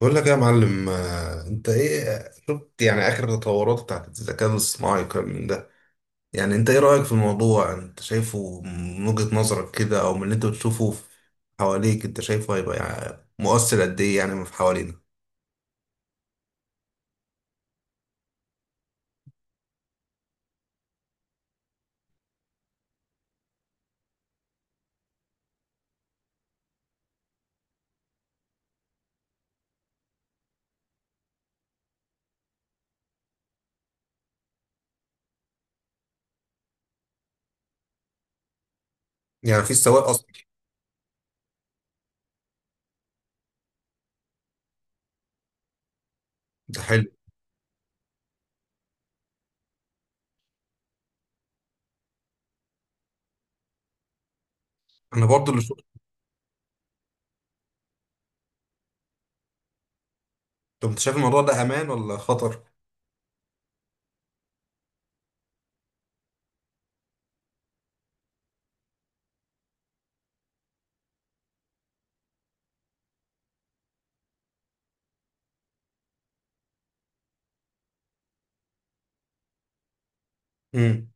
بقول لك إيه يا معلم، انت ايه شفت يعني اخر التطورات بتاعت الذكاء الاصطناعي والكلام من ده. يعني انت ايه رأيك في الموضوع؟ انت شايفه من وجهة نظرك كده او من اللي انت بتشوفه حواليك، انت شايفه هيبقى يعني مؤثر قد ايه يعني في حوالينا؟ يعني في السواق اصلا. ده حلو. انا برضو اللي شفت. طب انت شايف الموضوع ده امان ولا خطر؟ امم.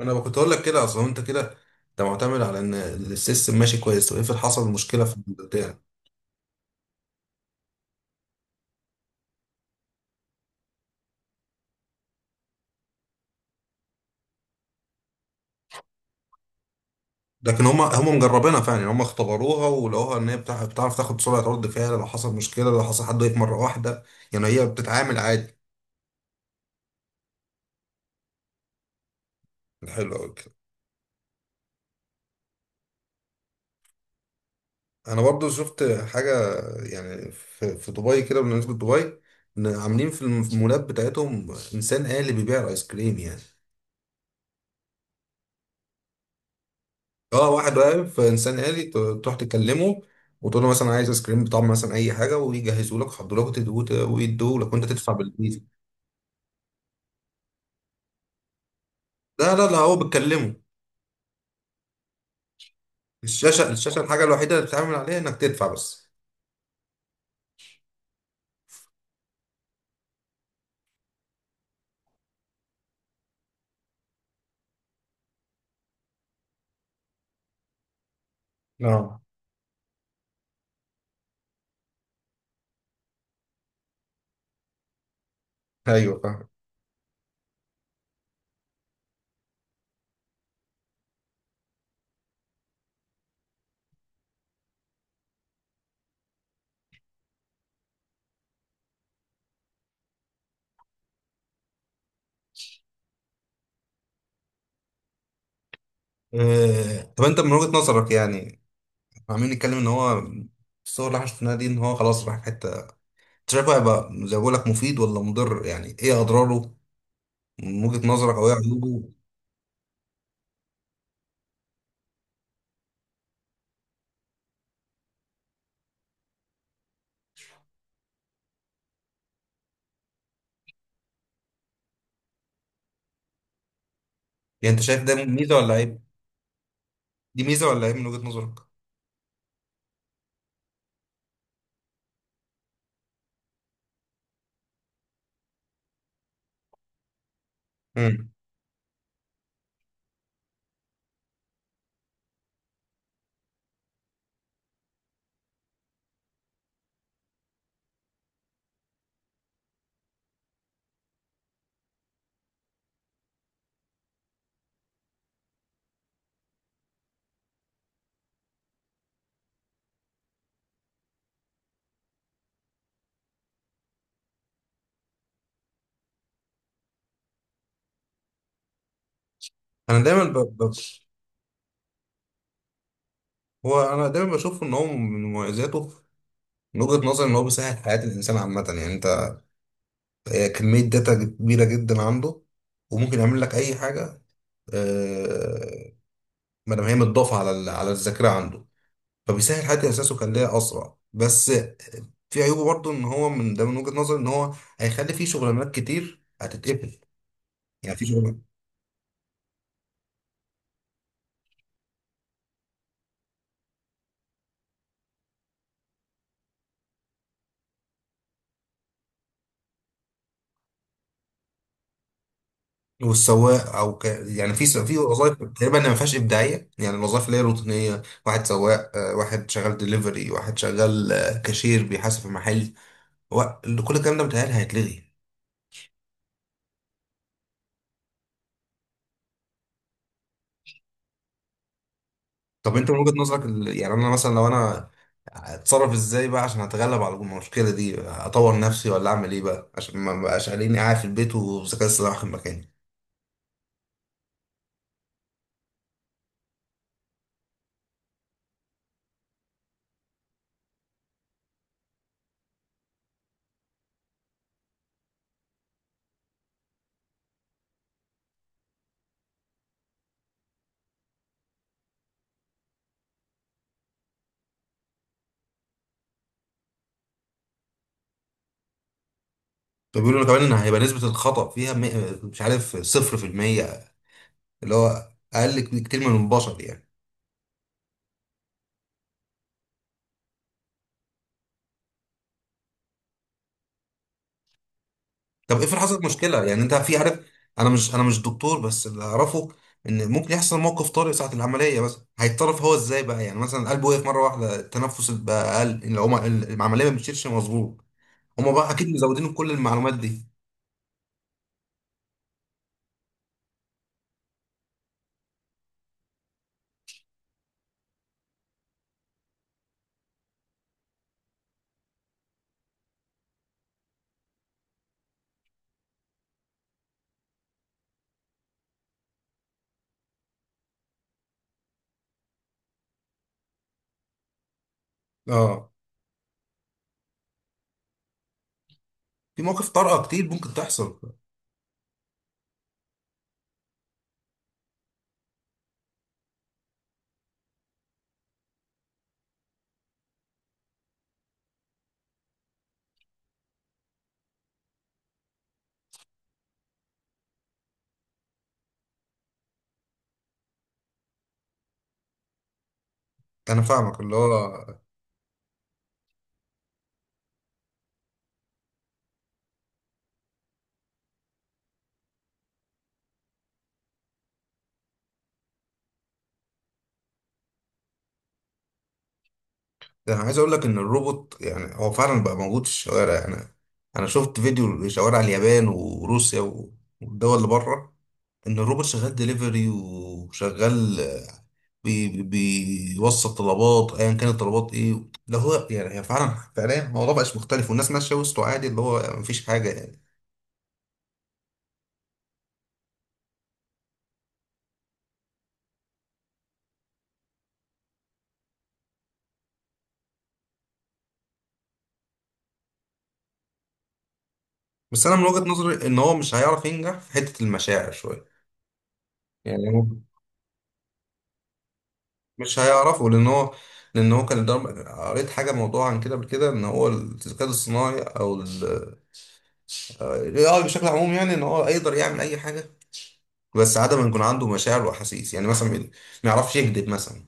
انا كنت اقول لك كده اصلا، انت كده انت معتمد على ان السيستم ماشي كويس. طب افرض حصل مشكلة في البتاع. لكن هم مجربينها فعلا، يعني هم اختبروها ولقوها ان هي بتعرف تاخد سرعه رد فعل لو حصل مشكله، لو حصل حد وقف مره واحده. يعني هي بتتعامل عادي. حلو قوي كده. انا برضو شفت حاجه. يعني في دبي كده، بالنسبه لدبي، إن عاملين في المولات بتاعتهم انسان آلي بيبيع الايس كريم يعني. اه، واحد واقف انسان آلي، تروح تكلمه وتقول له مثلا عايز ايس كريم بطعم مثلا اي حاجه، ويجهزوا لك، يحضروا لك وتدوه، ويدوه لك وانت تدفع بالفيزا. لا لا لا، هو بتكلمه. الشاشه الحاجه الوحيده اللي بتتعامل عليها انك تدفع بس. اه، ايوه فاهم. طب انت من وجهة نظرك يعني، احنا عمالين نتكلم ان هو الصور اللي احنا شفناها دي ان هو خلاص راح في حته، انت شايفه هيبقى زي ما بقول لك، مفيد ولا مضر؟ يعني ايه اضراره من وجهة نظرك، او ايه عيوبه؟ يعني انت شايف ده ميزه ولا عيب؟ دي ميزه ولا عيب من وجهة نظرك؟ امم. انا دايما ب... ب... هو انا دايما بشوف ان هو من مميزاته، من وجهة نظري ان هو بيسهل حياة الانسان عامة يعني. كمية داتا كبيرة جدا عنده، وممكن يعمل لك أي حاجة. آه، ما دام هي متضافة على الذاكرة عنده، فبيسهل حد إحساسه ويخليها أسرع. بس في عيوبه برضه، إن هو من ده، من وجهة نظري إن هو هيخلي فيه شغلانات كتير هتتقفل. يعني في شغل. والسواق، يعني في وظائف تقريبا ما فيهاش ابداعيه، يعني الوظائف اللي هي روتينيه، واحد سواق، واحد شغال دليفري، واحد شغال، كاشير بيحاسب في محل، و... كل الكلام ده متهيألي هيتلغي. طب انت من وجهة نظرك يعني انا مثلا، لو انا اتصرف ازاي بقى عشان اتغلب على المشكله دي؟ اطور نفسي ولا اعمل ايه بقى عشان ما بقاش قاعدين قاعد في البيت والذكاء الاصطناعي واخد مكاني؟ فبيقولوا لي كمان ان هيبقى نسبه الخطا فيها، مش عارف، 0%، اللي هو اقل كتير من البشر يعني. طب افرض حصلت مشكله؟ يعني انت في عارف. انا مش دكتور، بس اللي اعرفه ان ممكن يحصل موقف طارئ ساعه العمليه مثلا. هيتصرف هو ازاي بقى؟ يعني مثلا قلبه وقف مره واحده، التنفس بقى اقل، العمليه ما بتشيلش مظبوط. هما بقى اكيد مزودين كل المعلومات دي. اه، في مواقف طارئه كتير ممكن تحصل. انا فاهمك اللي هو ده. انا عايز اقول لك ان الروبوت يعني هو فعلا بقى موجود في الشوارع يعني. انا شفت فيديو لشوارع اليابان وروسيا والدول اللي بره، ان الروبوت شغال دليفري وشغال، بي بي بيوصل طلبات ايا كان الطلبات ايه ده. هو يعني هي فعلا فعليا، الموضوع بقاش مختلف، والناس ماشيه وسطه عادي، اللي هو مفيش حاجه يعني. بس انا من وجهه نظري ان هو مش هيعرف ينجح في حته المشاعر شويه. يعني مش هيعرفوا لان هو، كان الضرب، قريت حاجه موضوع عن كده قبل كده، ان هو الذكاء الصناعي او الاي اي بشكل عموم، يعني ان هو يقدر يعمل اي حاجه، بس عدم ان يكون عنده مشاعر واحاسيس، يعني مثلا ما يعرفش يكذب مثلا.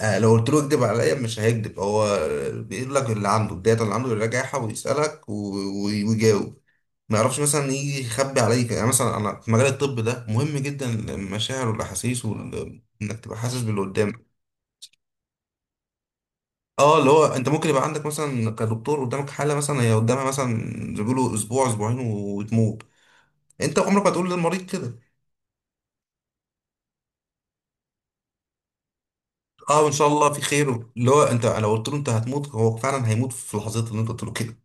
لو قلت له اكذب عليا مش هيكذب هو، بيقول لك اللي عنده الداتا اللي عنده يراجعها ويسالك ويجاوب. ما يعرفش مثلا يجي يخبي عليك. يعني مثلا انا في مجال الطب ده مهم جدا المشاعر والاحاسيس، وانك تبقى حاسس باللي قدامك. اه، اللي هو انت ممكن يبقى عندك مثلا كدكتور قدامك حاله، مثلا هي قدامها مثلا زي ما بيقولوا اسبوع اسبوعين وتموت. انت عمرك ما تقول للمريض كده. اه، ان شاء الله في خير. اللي هو انت لو قلت له انت هتموت، هو فعلا هيموت في لحظتها اللي انت قلت له كده.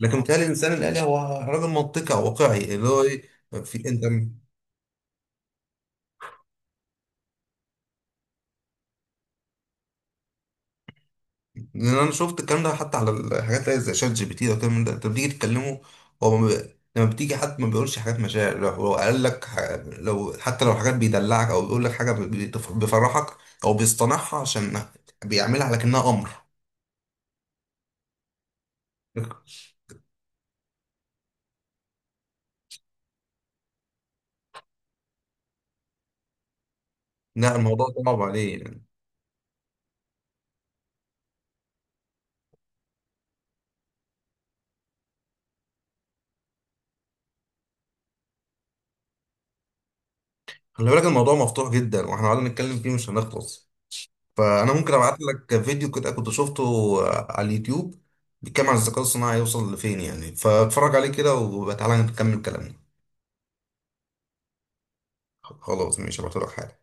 لكن بيتهيألي الانسان الالي هو راجل منطقي او واقعي، اللي هو ايه، في انت. لان انا شفت الكلام ده حتى على الحاجات اللي هي زي شات جي بي تي ده والكلام ده، انت بتيجي تتكلمه. هو ما بي... لما بتيجي حد ما بيقولش حاجات مشاعر. لو هو قال لك لو حتى لو حاجات بيدلعك او بيقول لك حاجه، بيفرحك، او بيصطنعها عشان بيعملها على كأنها امر. لا، الموضوع صعب عليه يعني. خلي بالك الموضوع مفتوح جدا، واحنا قعدنا نتكلم فيه مش هنخلص. فانا ممكن ابعت لك فيديو كده كنت شفته على اليوتيوب، بيتكلم عن الذكاء الصناعي يوصل لفين يعني، فاتفرج عليه كده وتعالى نكمل كلامنا. خلاص ماشي، هبعتلك حالا.